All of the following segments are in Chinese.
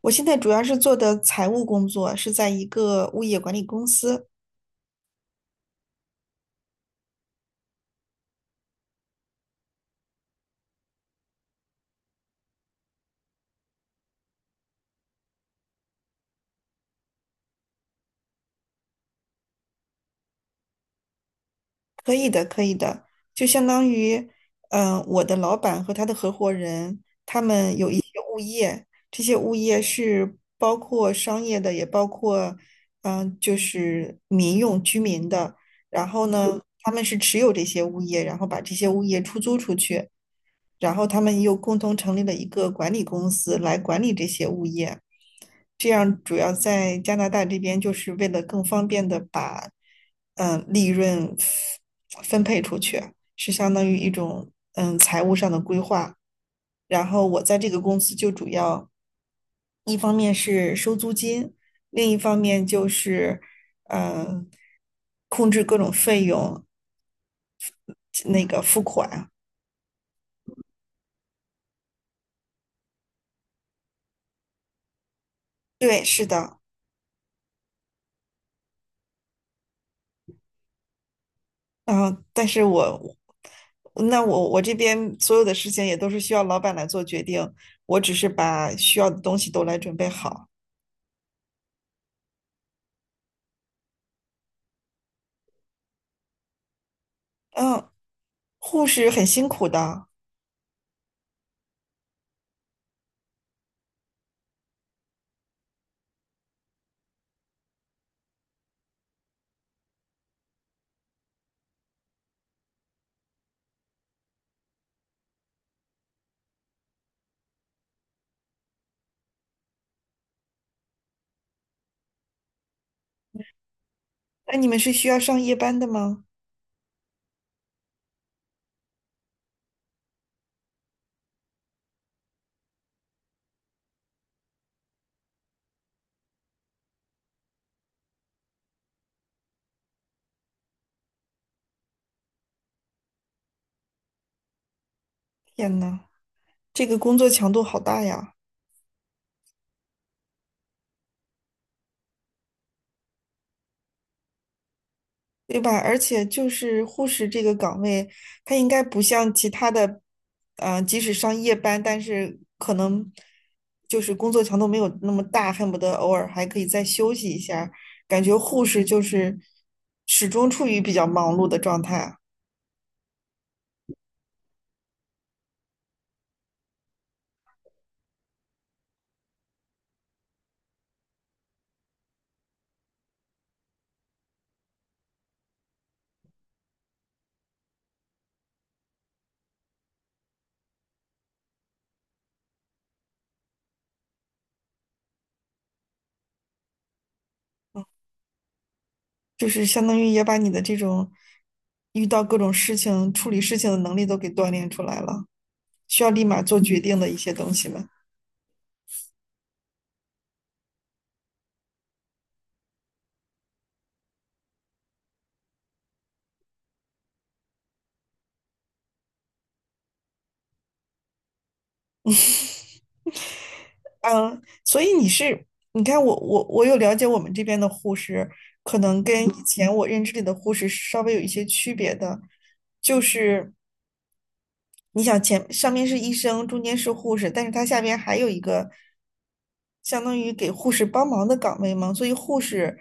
我现在主要是做的财务工作，是在一个物业管理公司。可以的，可以的，就相当于，我的老板和他的合伙人，他们有一些物业，这些物业是包括商业的，也包括，就是民用居民的。然后呢，他们是持有这些物业，然后把这些物业出租出去，然后他们又共同成立了一个管理公司来管理这些物业。这样主要在加拿大这边，就是为了更方便的把利润分配出去，是相当于一种财务上的规划。然后我在这个公司就主要一方面是收租金，另一方面就是嗯控制各种费用。那个对，是的，嗯，但是我那我我这边所有的事情也都是需要老板来做决定，我只是把需要的东西都来准备好。嗯，护士很辛苦的，那你们是需要上夜班的吗？天呐，这个工作强度好大呀！对吧？而且就是护士这个岗位，它应该不像其他的，即使上夜班，但是可能就是工作强度没有那么大，恨不得偶尔还可以再休息一下儿。感觉护士就是始终处于比较忙碌的状态，就是相当于也把你的这种遇到各种事情、处理事情的能力都给锻炼出来了，需要立马做决定的一些东西嘛。嗯，所以你是，你看我有了解我们这边的护士，可能跟以前我认知里的护士是稍微有一些区别的，就是你想前上面是医生，中间是护士，但是他下边还有一个相当于给护士帮忙的岗位嘛，所以护士，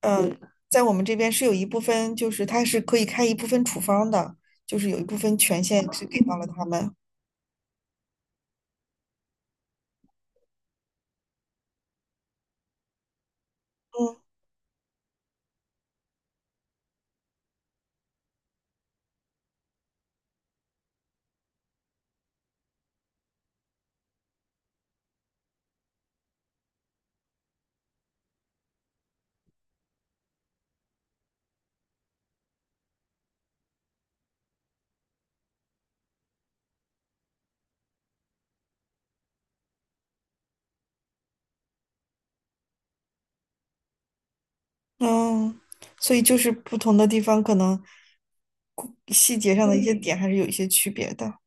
嗯，在我们这边是有一部分，就是他是可以开一部分处方的，就是有一部分权限是给到了他们。嗯嗯，所以就是不同的地方可能细节上的一些点还是有一些区别的。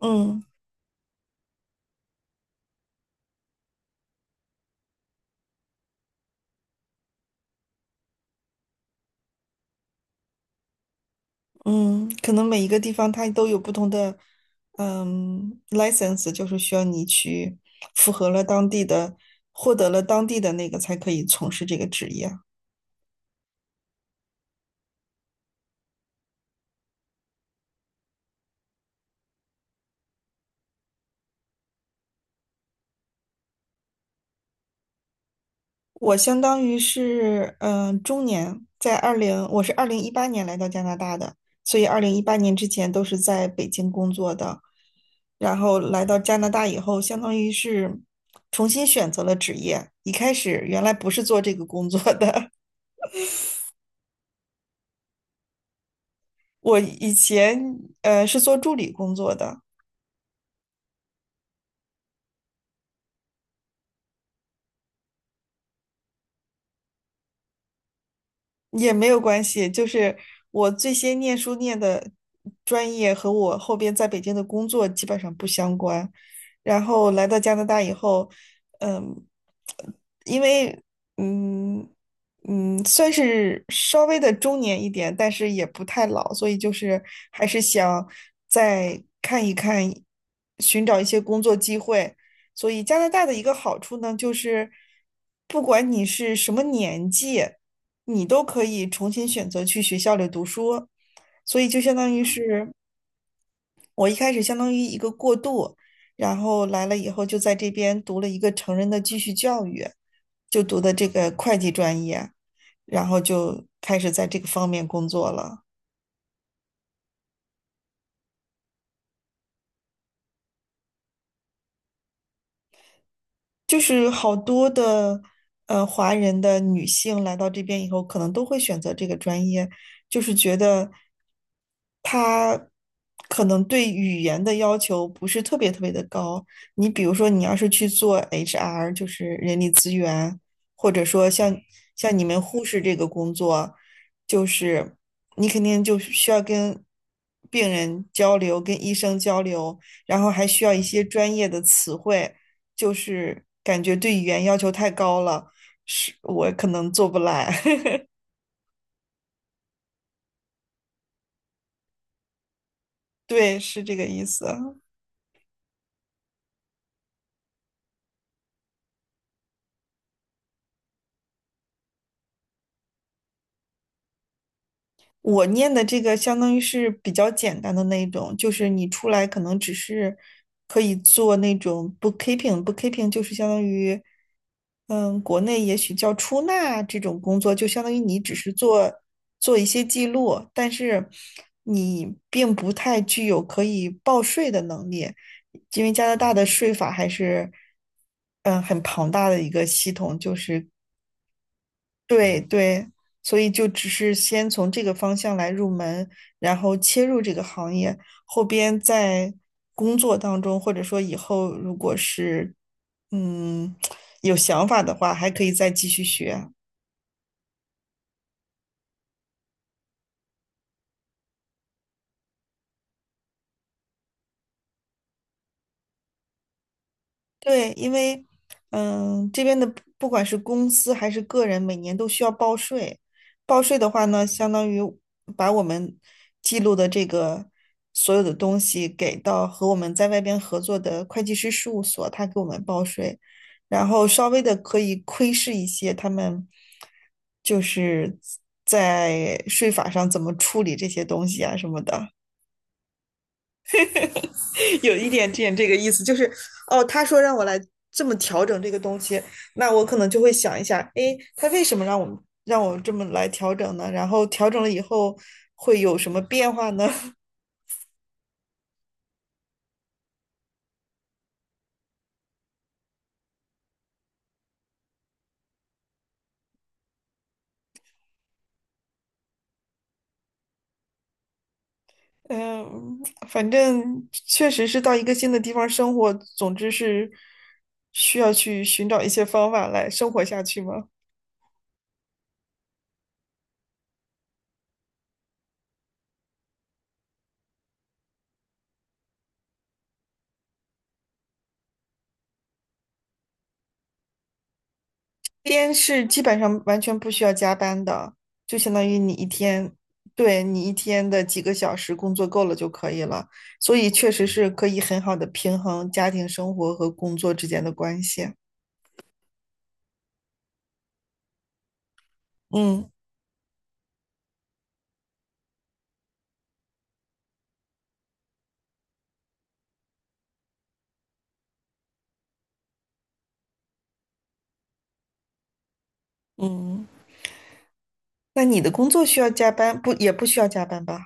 嗯嗯，可能每一个地方它都有不同的license,就是需要你去符合了当地的，获得了当地的那个才可以从事这个职业。我相当于是中年，在二零，我是二零一八年来到加拿大的，所以二零一八年之前都是在北京工作的，然后来到加拿大以后，相当于是重新选择了职业。一开始原来不是做这个工作的。我以前是做助理工作的，也没有关系，就是我最先念书念的专业和我后边在北京的工作基本上不相关。然后来到加拿大以后，嗯，因为嗯算是稍微的中年一点，但是也不太老，所以就是还是想再看一看，寻找一些工作机会。所以加拿大的一个好处呢，就是不管你是什么年纪，你都可以重新选择去学校里读书，所以就相当于是。我一开始相当于一个过渡，然后来了以后就在这边读了一个成人的继续教育，就读的这个会计专业，然后就开始在这个方面工作了。就是好多的华人的女性来到这边以后，可能都会选择这个专业，就是觉得她可能对语言的要求不是特别特别的高。你比如说，你要是去做 HR,就是人力资源，或者说像你们护士这个工作，就是你肯定就需要跟病人交流，跟医生交流，然后还需要一些专业的词汇。就是感觉对语言要求太高了，是我可能做不来。对，是这个意思。我念的这个相当于是比较简单的那一种，就是你出来可能只是可以做那种 bookkeeping，bookkeeping 就是相当于，嗯，国内也许叫出纳这种工作，就相当于你只是做做一些记录，但是你并不太具有可以报税的能力，因为加拿大的税法还是，嗯，很庞大的一个系统，就是对对，所以就只是先从这个方向来入门，然后切入这个行业，后边在工作当中，或者说以后如果是嗯 有想法的话，还可以再继续学。对，因为这边的不管是公司还是个人，每年都需要报税。报税的话呢，相当于把我们记录的这个所有的东西给到和我们在外边合作的会计师事务所，他给我们报税，然后稍微的可以窥视一些他们就是在税法上怎么处理这些东西啊什么的。有一点点这个意思，就是哦，他说让我来这么调整这个东西，那我可能就会想一下，诶，他为什么让我这么来调整呢？然后调整了以后会有什么变化呢？嗯，反正确实是到一个新的地方生活，总之是需要去寻找一些方法来生活下去吗？边是基本上完全不需要加班的，就相当于你一天，对，你一天的几个小时工作够了就可以了，所以确实是可以很好的平衡家庭生活和工作之间的关系。嗯嗯，那你的工作需要加班，不，也不需要加班吧？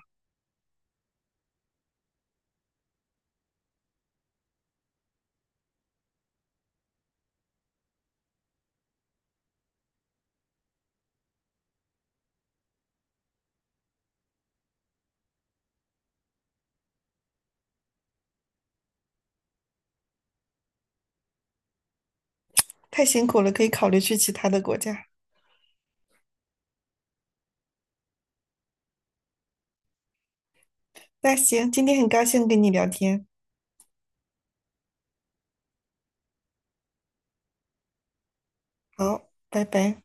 太辛苦了，可以考虑去其他的国家。那行，今天很高兴跟你聊天，好，拜拜。